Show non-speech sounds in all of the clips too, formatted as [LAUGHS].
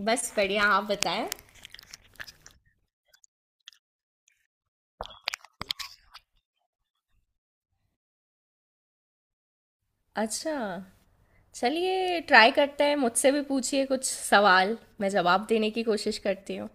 बस बढ़िया। आप बताएं। अच्छा। चलिए ट्राई करते हैं, मुझसे भी पूछिए कुछ सवाल। मैं जवाब देने की कोशिश करती हूँ।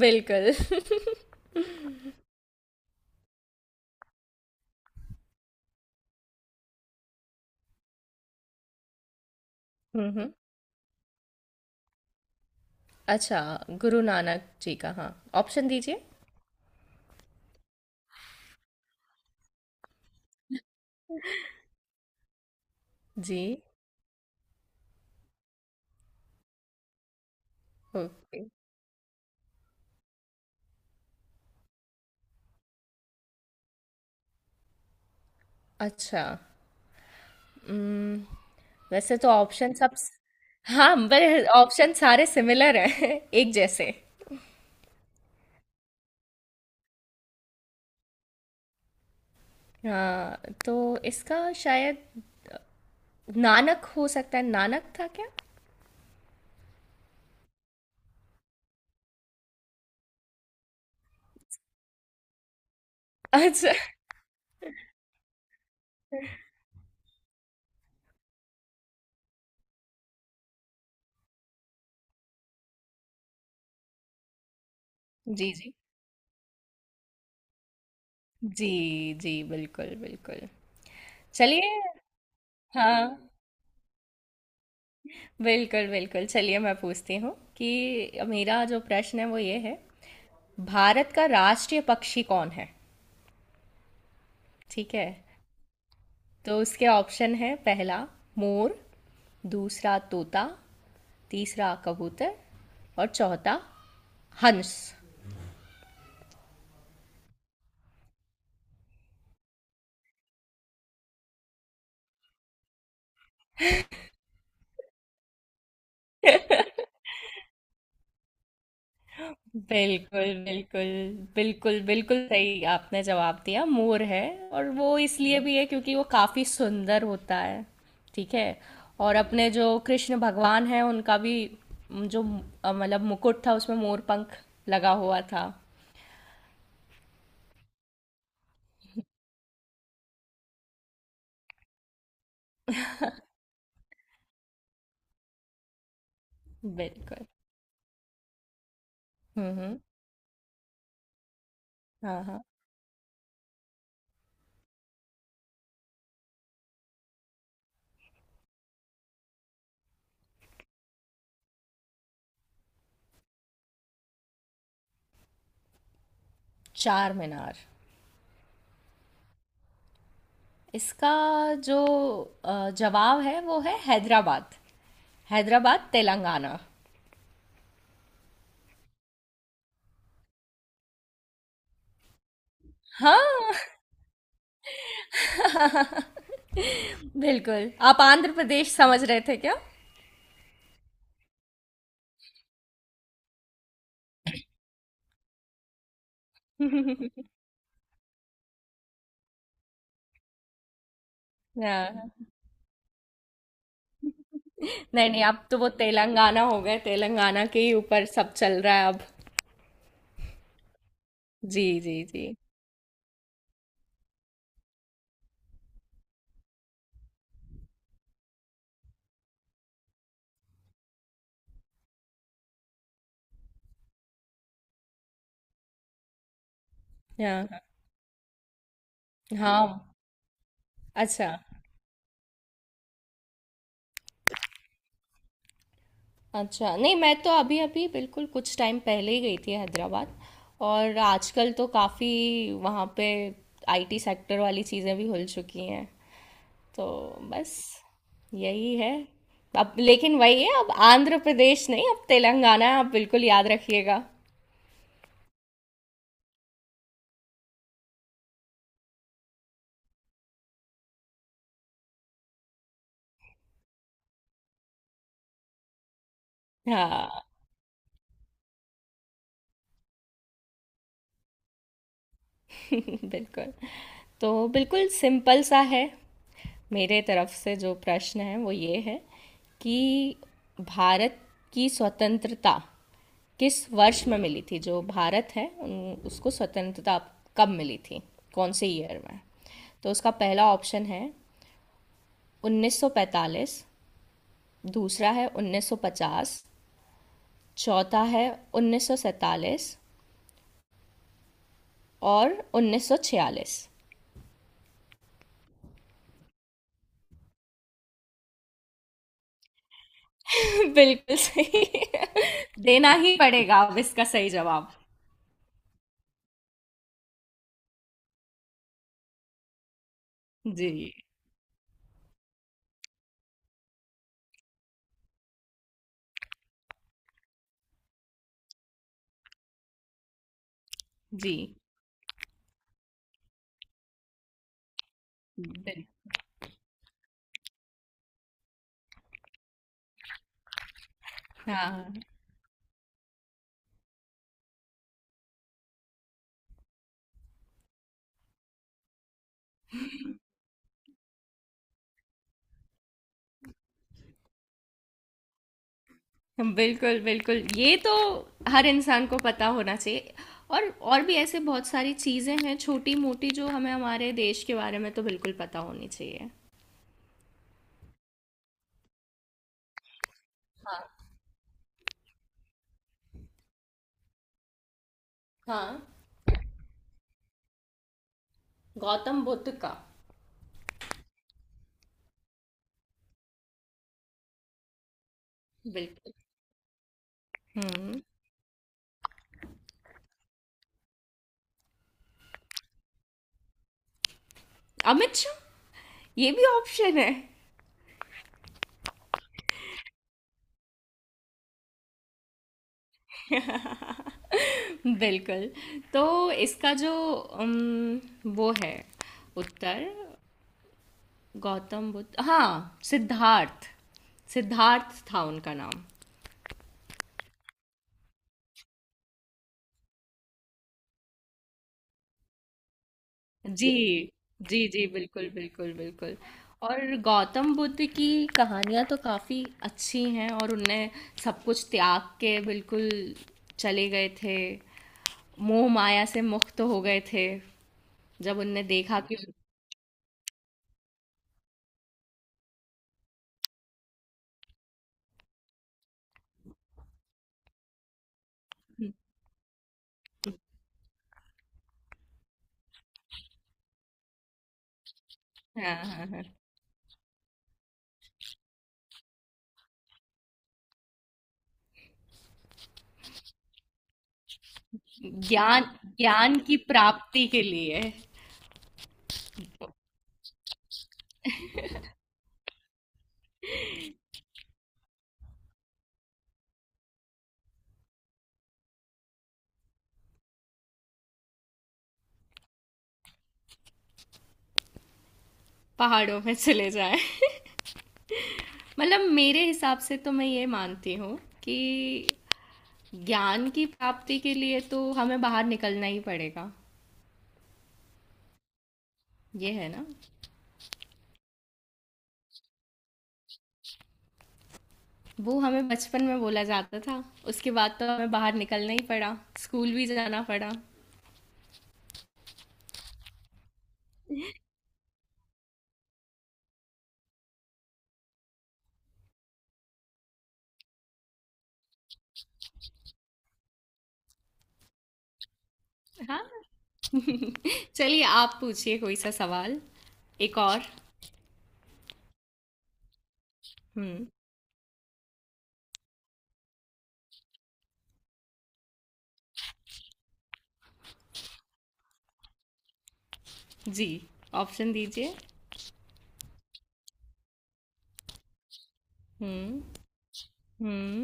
बिल्कुल। [LAUGHS] हम्म। अच्छा। गुरु नानक जी का, हाँ। ऑप्शन दीजिए। जी। ओके। अच्छा। उम्म, वैसे तो ऑप्शन सब। हाँ, पर ऑप्शन सारे सिमिलर हैं। [LAUGHS] एक जैसे। हाँ तो इसका शायद नानक हो सकता है। नानक था क्या? [LAUGHS] अच्छा। जी। जी। जी, जी, बिल्कुल, बिल्कुल। चलिए। हाँ, बिल्कुल, बिल्कुल। चलिए मैं पूछती हूँ कि मेरा जो प्रश्न है वो ये है, भारत का राष्ट्रीय पक्षी कौन है? ठीक है? तो उसके ऑप्शन है, पहला मोर, दूसरा तोता, तीसरा कबूतर और चौथा हंस। बिल्कुल बिल्कुल बिल्कुल बिल्कुल सही आपने जवाब दिया, मोर है। और वो इसलिए भी है क्योंकि वो काफी सुंदर होता है। ठीक है। और अपने जो कृष्ण भगवान है उनका भी जो मतलब मुकुट था उसमें मोर पंख लगा हुआ था। बिल्कुल। हम्म। हाँ हाँ। चार मीनार। इसका जो जवाब है वो है हैदराबाद, हैदराबाद तेलंगाना। हाँ। [LAUGHS] बिल्कुल। आप आंध्र प्रदेश समझ रहे थे क्या? हाँ। नहीं, नहीं अब तो वो तेलंगाना हो गए, तेलंगाना के ही ऊपर सब चल रहा है अब। जी, जी, जी। हाँ, हाँ। अच्छा, अच्छा। नहीं मैं तो अभी-अभी बिल्कुल कुछ टाइम पहले ही गई थी हैदराबाद। और आजकल तो काफ़ी वहाँ पे आईटी सेक्टर वाली चीज़ें भी खुल चुकी हैं। तो बस यही है। अब लेकिन वही है, अब आंध्र प्रदेश नहीं, अब तेलंगाना, आप बिल्कुल याद रखिएगा। हाँ। [LAUGHS] बिल्कुल। तो बिल्कुल सिंपल सा है। मेरे तरफ से जो प्रश्न है वो ये है, कि भारत की स्वतंत्रता किस वर्ष में मिली थी, जो भारत है उसको स्वतंत्रता कब मिली थी, कौन से ईयर में? तो उसका पहला ऑप्शन है 1945, दूसरा है 1950, चौथा है 1947 और 1946। [LAUGHS] बिल्कुल सही। देना ही पड़ेगा अब इसका सही जवाब। जी। जी। बिल- हाँ बिल्कुल बिल्कुल, ये तो हर इंसान को पता होना चाहिए। और भी ऐसे बहुत सारी चीज़ें हैं छोटी मोटी जो हमें हमारे देश के बारे में तो बिल्कुल पता होनी चाहिए। हाँ। गौतम बुद्ध का। बिल्कुल। हम्म। अमित शाह, ये भी ऑप्शन है? [LAUGHS] बिल्कुल। तो इसका जो वो है उत्तर, गौतम बुद्ध, हाँ, सिद्धार्थ, सिद्धार्थ था उनका नाम। जी। जी जी बिल्कुल बिल्कुल बिल्कुल। और गौतम बुद्ध की कहानियाँ तो काफ़ी अच्छी हैं, और उनने सब कुछ त्याग के बिल्कुल चले गए थे, मोह माया से मुक्त हो गए थे, जब उनने देखा कि। हाँ हाँ हाँ। ज्ञान, ज्ञान की प्राप्ति के लिए पहाड़ों में चले जाएं। [LAUGHS] मतलब मेरे हिसाब से तो मैं ये मानती हूँ कि ज्ञान की प्राप्ति के लिए तो हमें बाहर निकलना ही पड़ेगा, ये है ना। वो हमें बचपन में बोला जाता था, उसके बाद तो हमें बाहर निकलना ही पड़ा, स्कूल भी जाना पड़ा। हाँ। [LAUGHS] चलिए आप पूछिए कोई सा सवाल, एक और। हम्म। जी, ऑप्शन दीजिए। हम्म हम्म।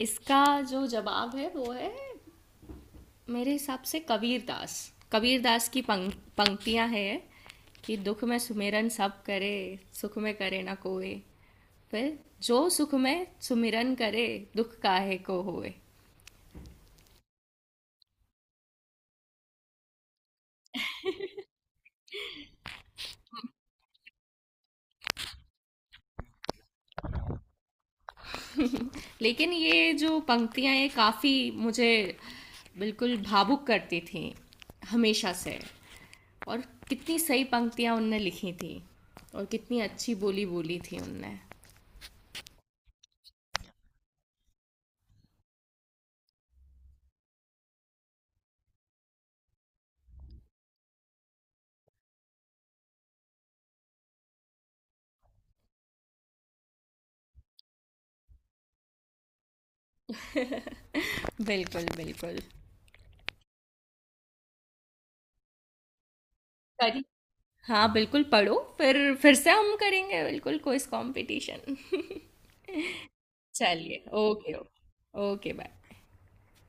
इसका जो जवाब है वो है, मेरे हिसाब से कबीर दास। कबीर दास की पंक्तियां हैं कि दुख में सुमिरन सब करे, सुख में करे ना कोई, फिर जो सुख में सुमिरन करे, दुख काहे को होए। लेकिन ये जो पंक्तियां ये काफ़ी मुझे बिल्कुल भावुक करती थी हमेशा से। और कितनी सही पंक्तियां उनने लिखी थी, और कितनी अच्छी बोली बोली थी उनने। बिल्कुल बिल्कुल। करी। हाँ बिल्कुल पढ़ो, फिर से हम करेंगे बिल्कुल कोई कंपटीशन। [LAUGHS] चलिए, ओके ओके ओके, बाय।